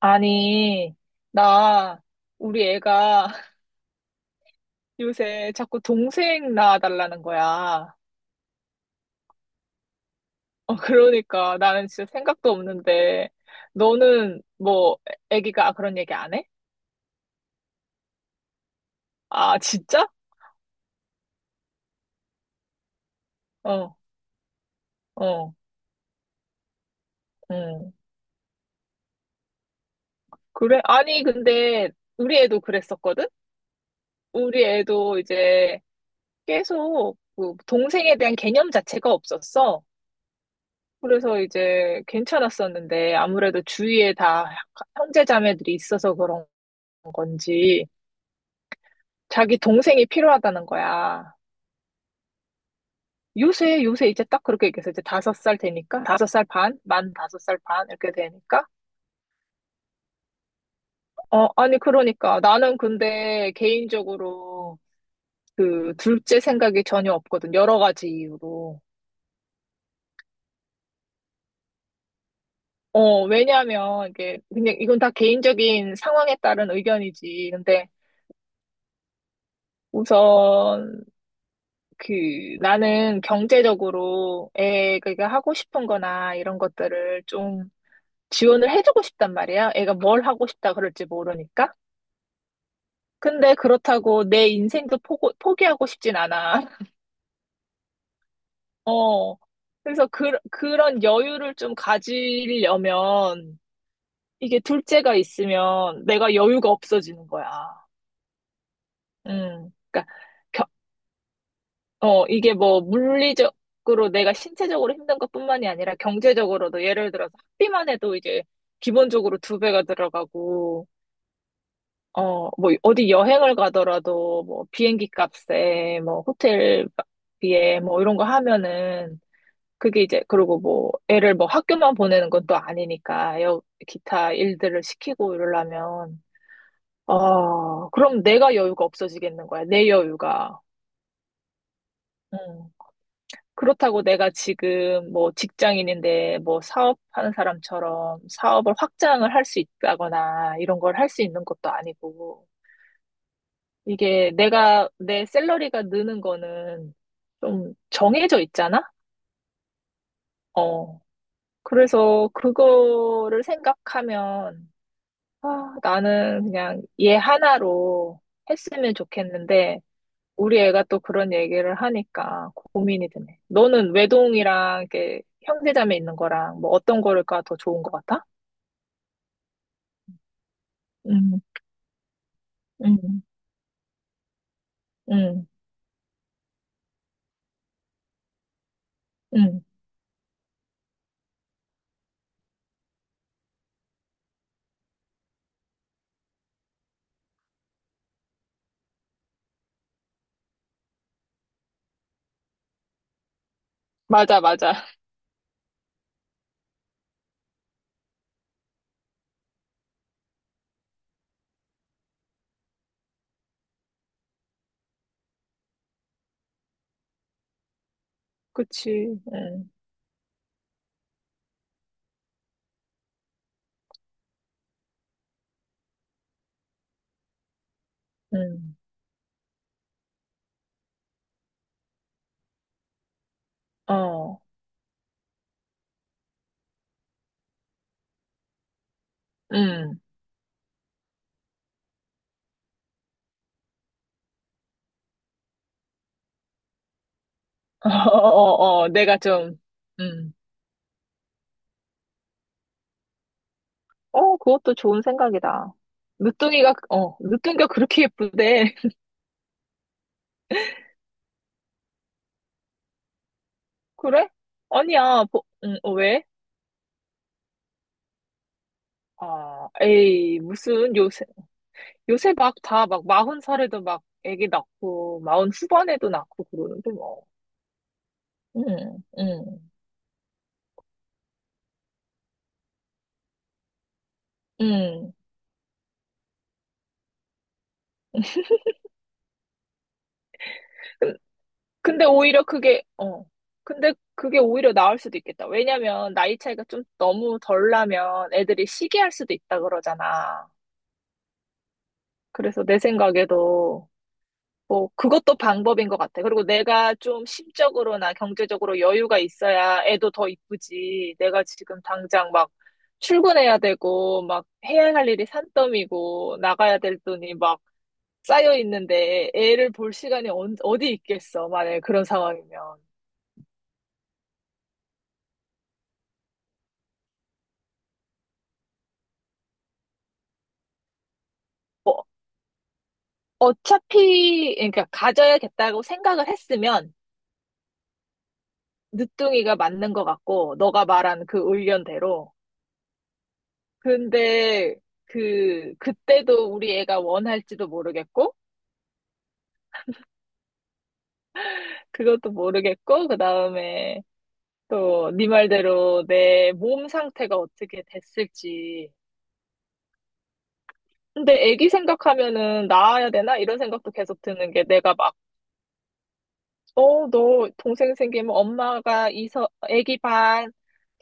아니, 나, 우리 애가 요새 자꾸 동생 낳아달라는 거야. 어, 그러니까 나는 진짜 생각도 없는데, 너는 뭐, 애기가 그런 얘기 안 해? 아, 진짜? 어, 어, 응. 그래? 아니, 근데 우리 애도 그랬었거든? 우리 애도 이제 계속 그 동생에 대한 개념 자체가 없었어. 그래서 이제 괜찮았었는데, 아무래도 주위에 다 형제자매들이 있어서 그런 건지 자기 동생이 필요하다는 거야. 요새 이제 딱 그렇게 얘기해서 이제 다섯 살 되니까 다섯 살 반, 만 다섯 살 반 이렇게 되니까 어, 아니 그러니까 나는 근데 개인적으로 그 둘째 생각이 전혀 없거든, 여러 가지 이유로. 어, 왜냐하면 이게 그냥 이건 다 개인적인 상황에 따른 의견이지. 근데 우선 그 나는 경제적으로 애가 하고 싶은 거나 이런 것들을 좀 지원을 해주고 싶단 말이야. 애가 뭘 하고 싶다 그럴지 모르니까. 근데 그렇다고 내 인생도 포기하고 싶진 않아. 어. 그래서 그런 여유를 좀 가지려면 이게 둘째가 있으면 내가 여유가 없어지는 거야. 음. 그러니까 겨- 어, 이게 뭐 물리적으로 내가 신체적으로 힘든 것뿐만이 아니라 경제적으로도 예를 들어서 학비만 해도 이제 기본적으로 두 배가 들어가고, 어, 뭐, 어디 여행을 가더라도, 뭐, 비행기 값에, 뭐, 호텔비에, 뭐, 이런 거 하면은, 그게 이제, 그리고 뭐, 애를 뭐 학교만 보내는 건 또 아니니까, 여, 기타 일들을 시키고 이러려면, 어, 그럼 내가 여유가 없어지겠는 거야, 내 여유가. 음. 그렇다고 내가 지금 뭐 직장인인데 뭐 사업하는 사람처럼 사업을 확장을 할 수 있다거나 이런 걸 할 수 있는 것도 아니고, 내 샐러리가 느는 거는 좀 정해져 있잖아? 어. 그래서 그거를 생각하면, 아, 나는 그냥 얘 하나로 했으면 좋겠는데, 우리 애가 또 그런 얘기를 하니까 고민이 되네. 너는 외동이랑 이렇게 형제자매 있는 거랑 뭐 어떤 거가 더 좋은 것 같아? 응, 응, 응, 응, 맞아, 맞아. 그치. 응, 응, 어, 응, 어, 어, 어, 내가 좀, 음, 어, 그것도 좋은 생각이다. 늦둥이가, 어, 늦둥이가 그렇게 예쁘대. 그래? 아니야, 보, 어, 왜? 아, 에이, 무슨 요새, 요새 막 다 막 마흔 살에도 막 애기 낳고, 마흔 후반에도 낳고 그러는데 뭐. 음, 음, 음. 근- 근데 오히려 그게, 어, 근데 그게 오히려 나을 수도 있겠다. 왜냐면 나이 차이가 좀 너무 덜 나면 애들이 시기할 수도 있다 그러잖아. 그래서 내 생각에도 뭐 그것도 방법인 것 같아. 그리고 내가 좀 심적으로나 경제적으로 여유가 있어야 애도 더 이쁘지. 내가 지금 당장 막 출근해야 되고 막 해야 할 일이 산더미고 나가야 될 돈이 막 쌓여 있는데 애를 볼 시간이 어디 있겠어, 만약에 그런 상황이면. 어차피 그러니까 가져야겠다고 생각을 했으면 늦둥이가 맞는 것 같고, 너가 말한 그 의견대로. 근데 그 그때도 우리 애가 원할지도 모르겠고, 그것도 모르겠고, 그다음에 또 네 말대로 내 몸 상태가 어떻게 됐을지. 근데 애기 생각하면은 낳아야 되나 이런 생각도 계속 드는 게, 내가 막 어 너 동생 생기면 엄마가 이서 애기 반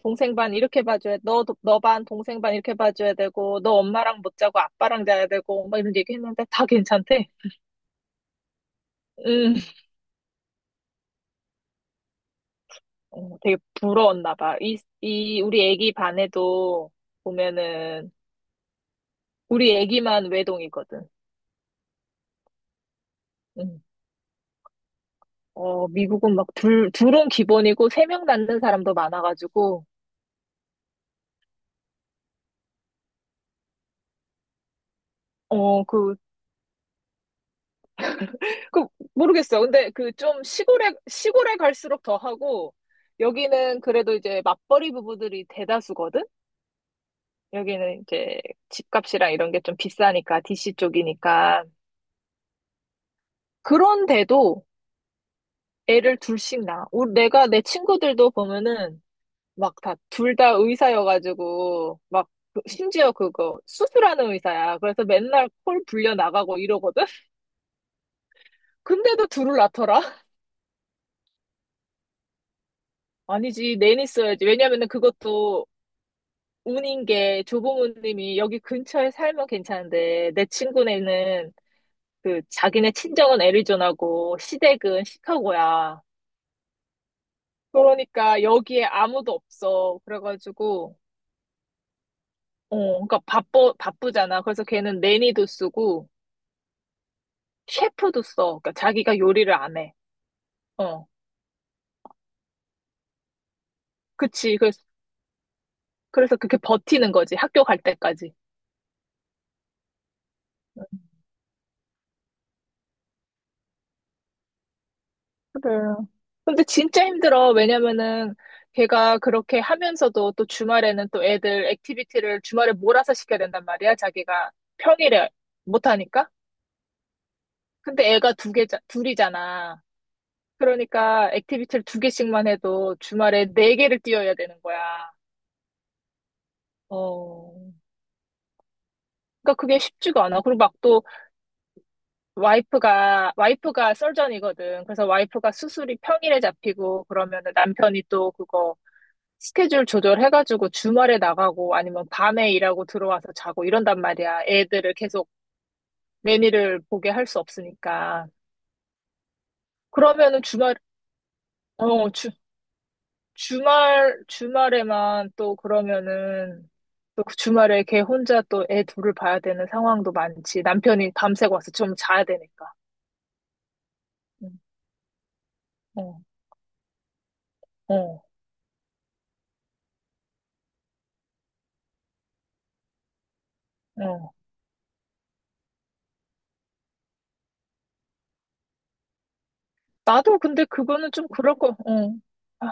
동생 반 이렇게 봐줘야, 너 반 동생 반 이렇게 봐줘야 되고, 너 엄마랑 못 자고 아빠랑 자야 되고 막 이런 얘기 했는데 다 괜찮대. 음. 어, 되게 부러웠나 봐. 우리 애기 반에도 보면은, 우리 애기만 외동이거든. 응. 어, 미국은 막 둘은 기본이고, 세 명 낳는 사람도 많아가지고, 어, 그, 모르겠어. 근데 그 좀 시골에 갈수록 더 하고, 여기는 그래도 이제 맞벌이 부부들이 대다수거든? 여기는 이제 집값이랑 이런 게 좀 비싸니까, DC 쪽이니까. 그런데도 애를 둘씩 낳아. 내가, 내 친구들도 보면은, 막 다 둘 다 의사여가지고 막 심지어 그거 수술하는 의사야. 그래서 맨날 콜 불려 나가고 이러거든. 근데도 둘을 낳더라. 아니지, 내니 써야지. 왜냐면은 그것도 운인 게, 조부모님이 여기 근처에 살면 괜찮은데 내 친구네는 그 자기네 친정은 애리조나고 시댁은 시카고야. 그러니까 여기에 아무도 없어. 그래가지고 어, 그러니까 바빠, 바쁘잖아. 그래서 걔는 내니도 쓰고, 셰프도 써. 그러니까 자기가 요리를 안 해. 어, 그치. 그래서, 그래서 그렇게 버티는 거지, 학교 갈 때까지. 그래. 근데 진짜 힘들어. 왜냐면은 걔가 그렇게 하면서도 또 주말에는 또 애들 액티비티를 주말에 몰아서 시켜야 된단 말이야, 자기가 평일에 못하니까. 근데 애가 두 개, 둘이잖아. 그러니까 액티비티를 두 개씩만 해도 주말에 네 개를 뛰어야 되는 거야. 어. 그러니까 그게 쉽지가 않아. 그리고 막또 와이프가 썰전이거든. 그래서 와이프가 수술이 평일에 잡히고 그러면은 남편이 또 그거 스케줄 조절해가지고 주말에 나가고 아니면 밤에 일하고 들어와서 자고 이런단 말이야. 애들을 계속 매니를 보게 할 수 없으니까. 그러면은 어, 주, 주말에만 또 그러면은 또 그 주말에 걔 혼자 또 애 둘을 봐야 되는 상황도 많지, 남편이 밤새고 와서 좀 자야 되니까. 응, 어, 어, 어. 나도 근데 그거는 좀 그럴 거, 어. 아,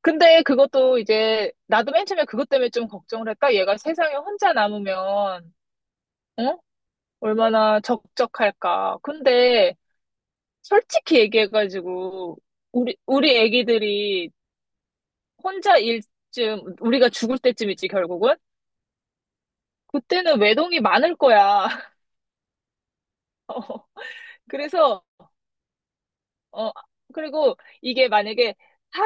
근데 그것도 이제, 나도 맨 처음에 그것 때문에 좀 걱정을 했다. 얘가 세상에 혼자 남으면, 어? 얼마나 적적할까. 근데, 솔직히 얘기해가지고, 우리 애기들이 혼자 일쯤, 우리가 죽을 때쯤 있지, 결국은? 그때는 외동이 많을 거야. 그래서, 어, 그리고 이게 만약에 다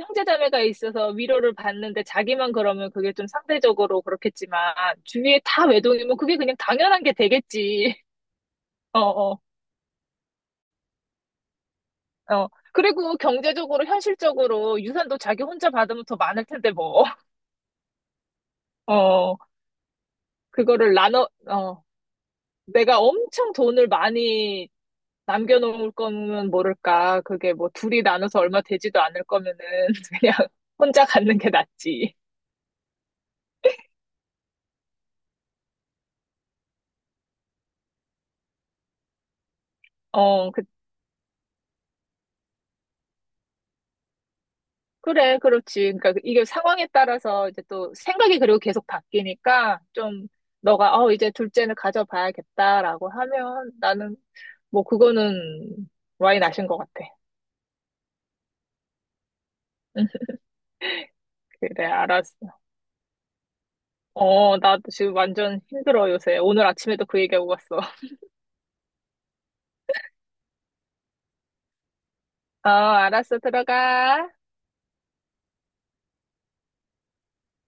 형제자매가 있어서 위로를 받는데 자기만 그러면 그게 좀 상대적으로 그렇겠지만 주위에 다 외동이면 그게 그냥 당연한 게 되겠지. 어, 어, 어. 그리고 경제적으로 현실적으로 유산도 자기 혼자 받으면 더 많을 텐데 뭐. 어, 그거를 나눠, 어, 내가 엄청 돈을 많이 남겨놓을 거면 모를까. 그게 뭐 둘이 나눠서 얼마 되지도 않을 거면은 그냥 혼자 갖는 게 낫지. 어, 그래, 그렇지. 그러니까 그 이게 상황에 따라서 이제 또 생각이, 그리고 계속 바뀌니까 좀. 너가 어 이제 둘째는 가져봐야겠다라고 하면 나는 뭐 그거는 와인 아신 것 같아. 응, 그래, 알았어. 어, 나도 지금 완전 힘들어 요새. 오늘 아침에도 그 얘기하고 갔어. 어, 알았어, 들어가.